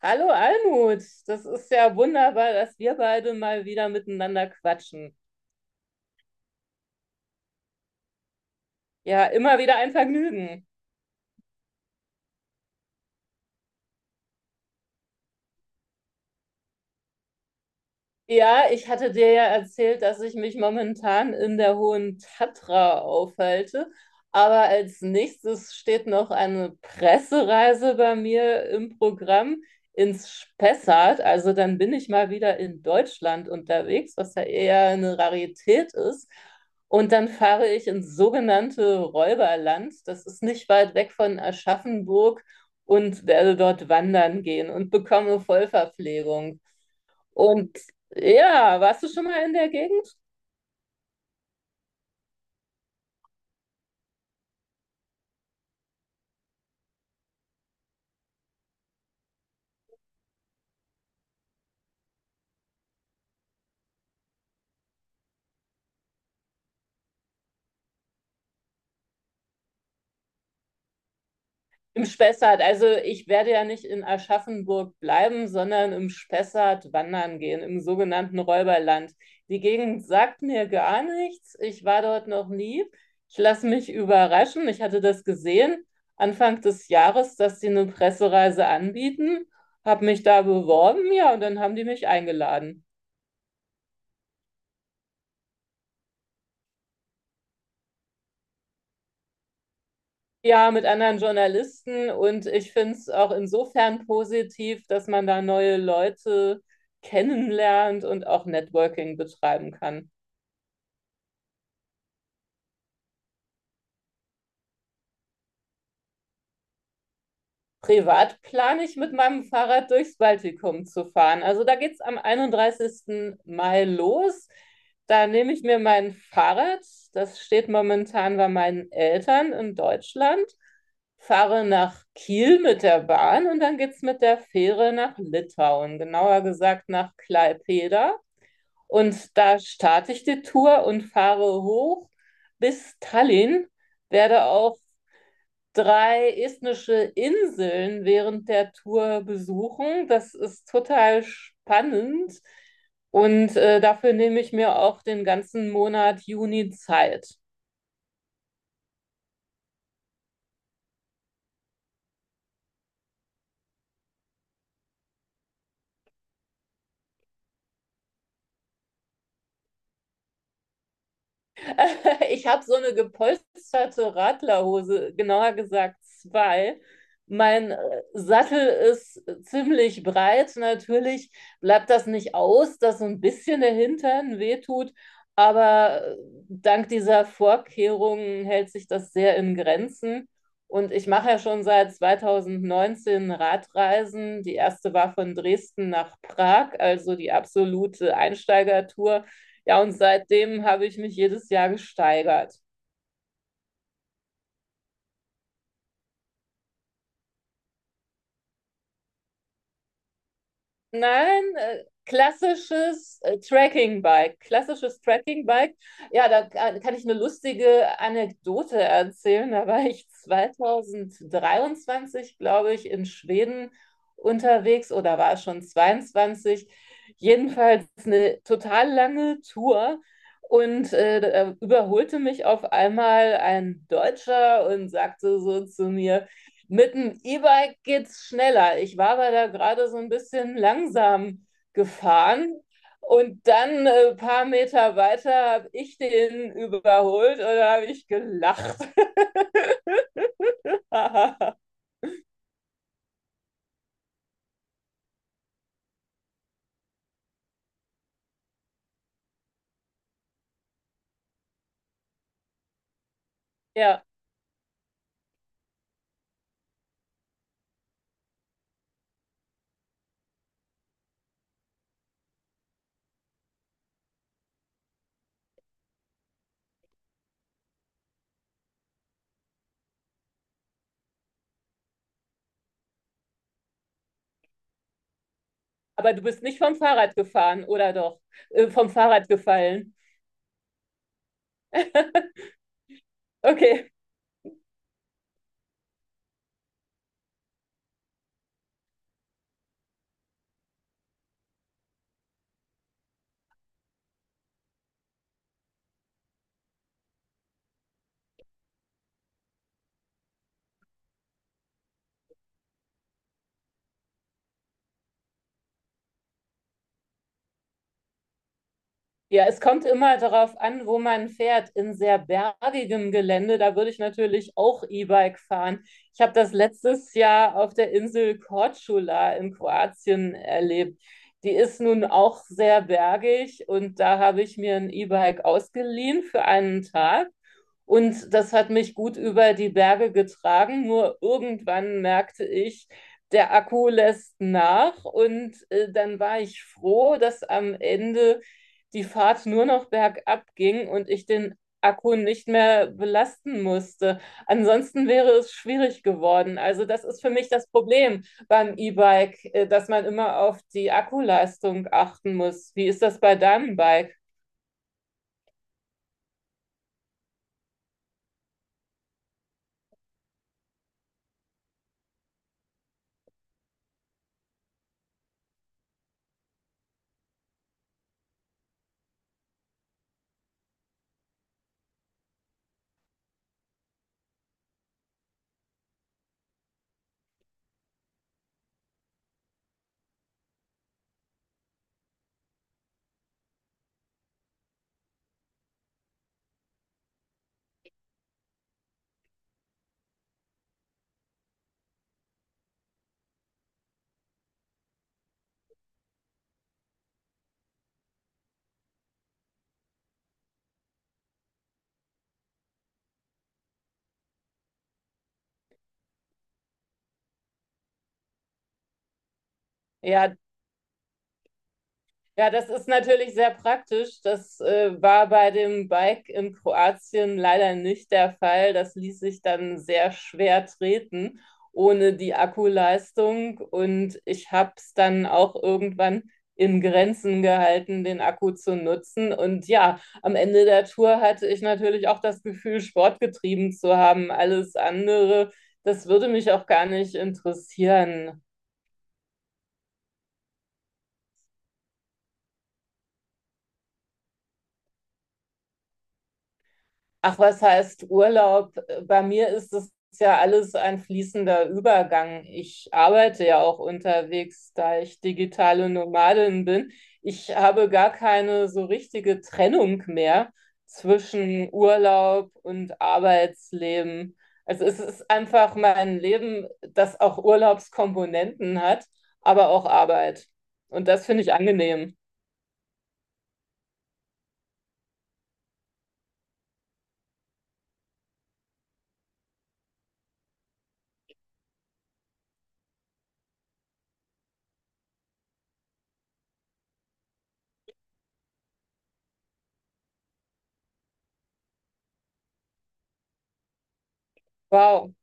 Hallo Almut, das ist ja wunderbar, dass wir beide mal wieder miteinander quatschen. Ja, immer wieder ein Vergnügen. Ja, ich hatte dir ja erzählt, dass ich mich momentan in der Hohen Tatra aufhalte. Aber als nächstes steht noch eine Pressereise bei mir im Programm ins Spessart. Also dann bin ich mal wieder in Deutschland unterwegs, was ja eher eine Rarität ist. Und dann fahre ich ins sogenannte Räuberland. Das ist nicht weit weg von Aschaffenburg und werde dort wandern gehen und bekomme Vollverpflegung. Und ja, warst du schon mal in der Gegend? Im Spessart. Also ich werde ja nicht in Aschaffenburg bleiben, sondern im Spessart wandern gehen, im sogenannten Räuberland. Die Gegend sagt mir gar nichts. Ich war dort noch nie. Ich lasse mich überraschen. Ich hatte das gesehen Anfang des Jahres, dass sie eine Pressereise anbieten, habe mich da beworben, ja, und dann haben die mich eingeladen. Ja, mit anderen Journalisten, und ich finde es auch insofern positiv, dass man da neue Leute kennenlernt und auch Networking betreiben kann. Privat plane ich mit meinem Fahrrad durchs Baltikum zu fahren. Also da geht es am 31. Mai los. Da nehme ich mir mein Fahrrad, das steht momentan bei meinen Eltern in Deutschland, fahre nach Kiel mit der Bahn und dann geht es mit der Fähre nach Litauen, genauer gesagt nach Klaipeda. Und da starte ich die Tour und fahre hoch bis Tallinn, werde auch drei estnische Inseln während der Tour besuchen. Das ist total spannend, und dafür nehme ich mir auch den ganzen Monat Juni Zeit. Ich habe so eine gepolsterte Radlerhose, genauer gesagt zwei. Mein Sattel ist ziemlich breit. Natürlich bleibt das nicht aus, dass so ein bisschen der Hintern wehtut, aber dank dieser Vorkehrungen hält sich das sehr in Grenzen. Und ich mache ja schon seit 2019 Radreisen. Die erste war von Dresden nach Prag, also die absolute Einsteigertour. Ja, und seitdem habe ich mich jedes Jahr gesteigert. Nein, klassisches Tracking-Bike. Klassisches Tracking-Bike. Ja, da kann ich eine lustige Anekdote erzählen. Da war ich 2023, glaube ich, in Schweden unterwegs, oder war schon 22. Jedenfalls eine total lange Tour. Und da überholte mich auf einmal ein Deutscher und sagte so zu mir: „Mit dem E-Bike geht's schneller." Ich war aber da gerade so ein bisschen langsam gefahren. Und dann ein paar Meter weiter habe ich den überholt und da habe ich gelacht. Ja, aber du bist nicht vom Fahrrad gefahren, oder doch? Vom Fahrrad gefallen. Okay. Ja, es kommt immer darauf an, wo man fährt. In sehr bergigem Gelände, da würde ich natürlich auch E-Bike fahren. Ich habe das letztes Jahr auf der Insel Korčula in Kroatien erlebt. Die ist nun auch sehr bergig und da habe ich mir ein E-Bike ausgeliehen für einen Tag, und das hat mich gut über die Berge getragen. Nur irgendwann merkte ich, der Akku lässt nach. Und dann war ich froh, dass am Ende die Fahrt nur noch bergab ging und ich den Akku nicht mehr belasten musste. Ansonsten wäre es schwierig geworden. Also das ist für mich das Problem beim E-Bike, dass man immer auf die Akkuleistung achten muss. Wie ist das bei deinem Bike? Ja, ja, das ist natürlich sehr praktisch. Das war bei dem Bike in Kroatien leider nicht der Fall. Das ließ sich dann sehr schwer treten ohne die Akkuleistung. Und ich habe es dann auch irgendwann in Grenzen gehalten, den Akku zu nutzen. Und ja, am Ende der Tour hatte ich natürlich auch das Gefühl, Sport getrieben zu haben. Alles andere, das würde mich auch gar nicht interessieren. Ach, was heißt Urlaub? Bei mir ist es ja alles ein fließender Übergang. Ich arbeite ja auch unterwegs, da ich digitale Nomadin bin. Ich habe gar keine so richtige Trennung mehr zwischen Urlaub und Arbeitsleben. Also es ist einfach mein Leben, das auch Urlaubskomponenten hat, aber auch Arbeit. Und das finde ich angenehm. Wow.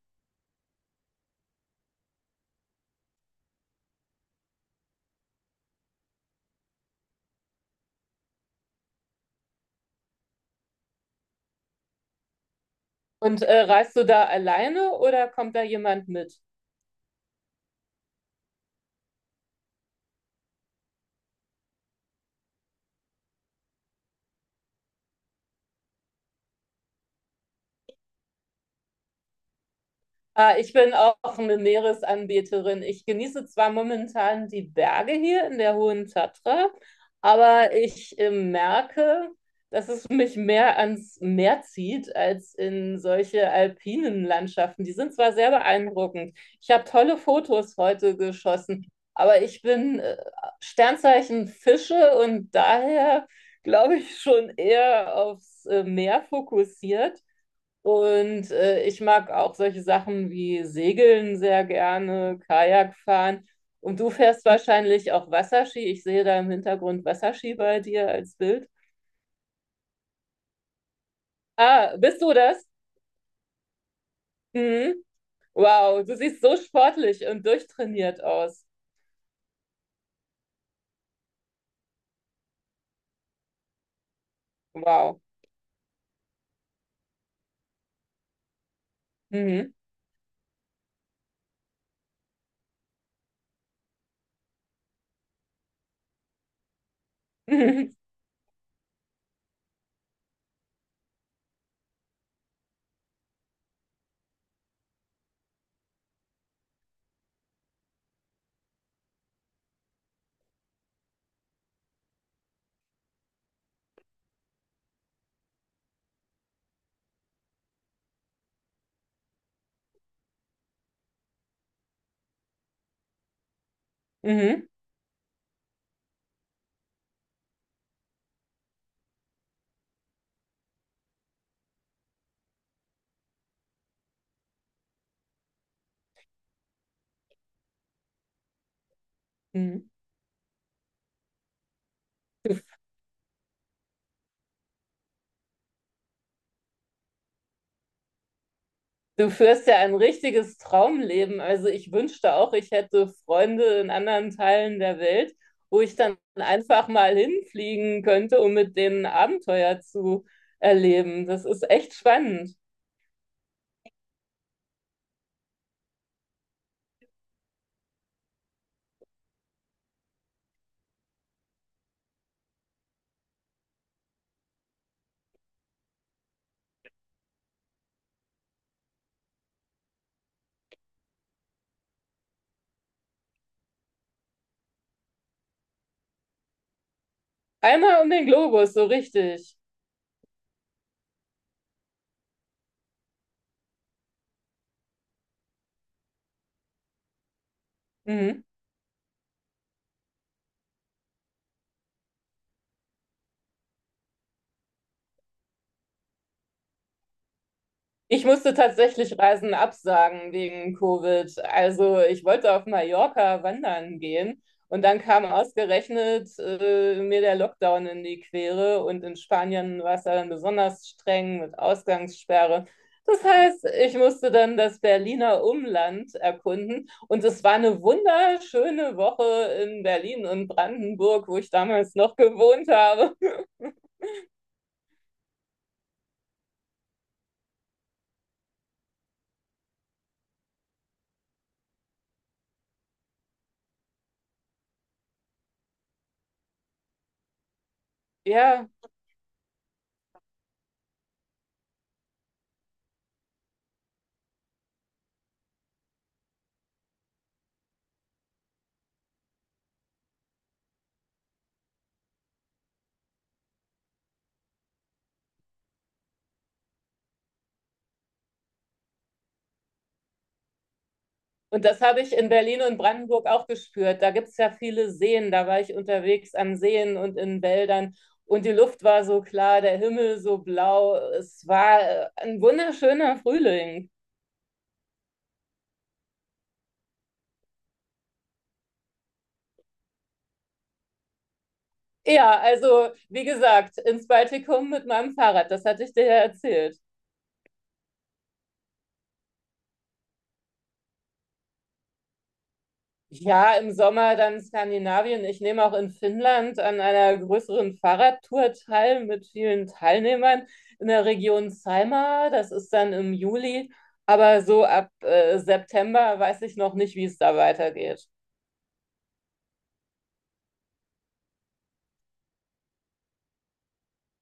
Und reist du da alleine oder kommt da jemand mit? Ah, ich bin auch eine Meeresanbeterin. Ich genieße zwar momentan die Berge hier in der Hohen Tatra, aber ich merke, dass es mich mehr ans Meer zieht als in solche alpinen Landschaften. Die sind zwar sehr beeindruckend. Ich habe tolle Fotos heute geschossen, aber ich bin Sternzeichen Fische und daher glaube ich schon eher aufs Meer fokussiert. Und ich mag auch solche Sachen wie Segeln sehr gerne, Kajak fahren. Und du fährst wahrscheinlich auch Wasserski. Ich sehe da im Hintergrund Wasserski bei dir als Bild. Ah, bist du das? Mhm. Wow, du siehst so sportlich und durchtrainiert aus. Wow. Mhm. Mhm. Mhm. Mhm. Du führst ja ein richtiges Traumleben. Also ich wünschte auch, ich hätte Freunde in anderen Teilen der Welt, wo ich dann einfach mal hinfliegen könnte, um mit denen Abenteuer zu erleben. Das ist echt spannend. Einmal um den Globus, so richtig. Mhm. Ich musste tatsächlich Reisen absagen wegen Covid. Also ich wollte auf Mallorca wandern gehen und dann kam ausgerechnet mir der Lockdown in die Quere und in Spanien war es ja dann besonders streng mit Ausgangssperre. Das heißt, ich musste dann das Berliner Umland erkunden und es war eine wunderschöne Woche in Berlin und Brandenburg, wo ich damals noch gewohnt habe. Ja, und das habe ich in Berlin und Brandenburg auch gespürt. Da gibt es ja viele Seen. Da war ich unterwegs an Seen und in Wäldern. Und die Luft war so klar, der Himmel so blau. Es war ein wunderschöner Frühling. Ja, also wie gesagt, ins Baltikum mit meinem Fahrrad. Das hatte ich dir ja erzählt. Ja, im Sommer dann Skandinavien. Ich nehme auch in Finnland an einer größeren Fahrradtour teil mit vielen Teilnehmern in der Region Saimaa. Das ist dann im Juli. Aber so ab September weiß ich noch nicht, wie es da weitergeht.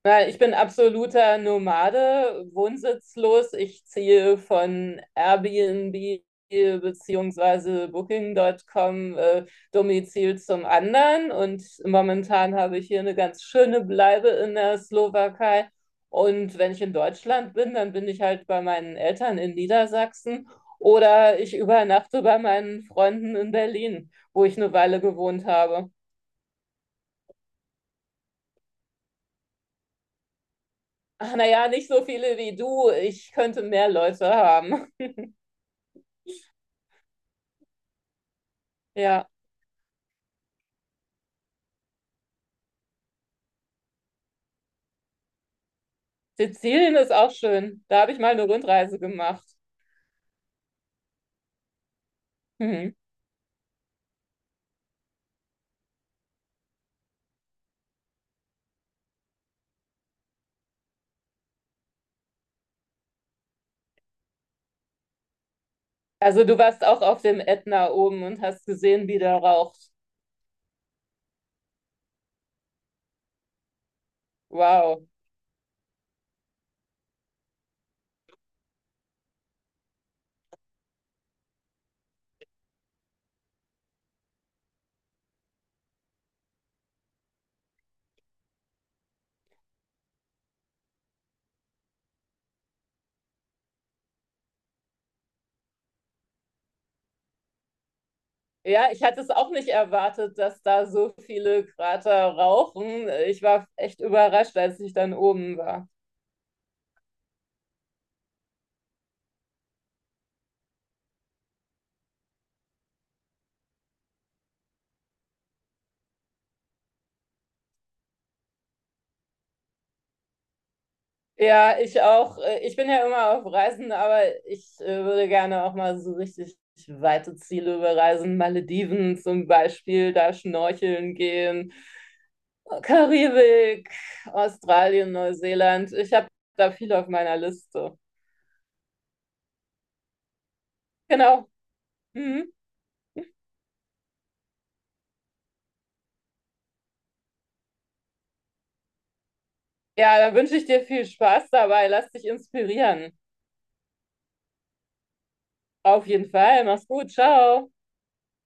Na, ich bin absoluter Nomade, wohnsitzlos. Ich ziehe von Airbnb beziehungsweise Booking.com Domizil zum anderen. Und momentan habe ich hier eine ganz schöne Bleibe in der Slowakei. Und wenn ich in Deutschland bin, dann bin ich halt bei meinen Eltern in Niedersachsen oder ich übernachte bei meinen Freunden in Berlin, wo ich eine Weile gewohnt habe. Ach, naja, nicht so viele wie du. Ich könnte mehr Leute haben. Ja, Sizilien ist auch schön. Da habe ich mal eine Rundreise gemacht. Mhm. Also du warst auch auf dem Ätna oben und hast gesehen, wie der raucht. Wow. Ja, ich hatte es auch nicht erwartet, dass da so viele Krater rauchen. Ich war echt überrascht, als ich dann oben war. Ja, ich auch. Ich bin ja immer auf Reisen, aber ich würde gerne auch mal so richtig weite Ziele bereisen. Malediven zum Beispiel, da schnorcheln gehen. Karibik, Australien, Neuseeland. Ich habe da viel auf meiner Liste. Genau. Mhm. Ja, dann wünsche ich dir viel Spaß dabei. Lass dich inspirieren. Auf jeden Fall. Mach's gut. Ciao.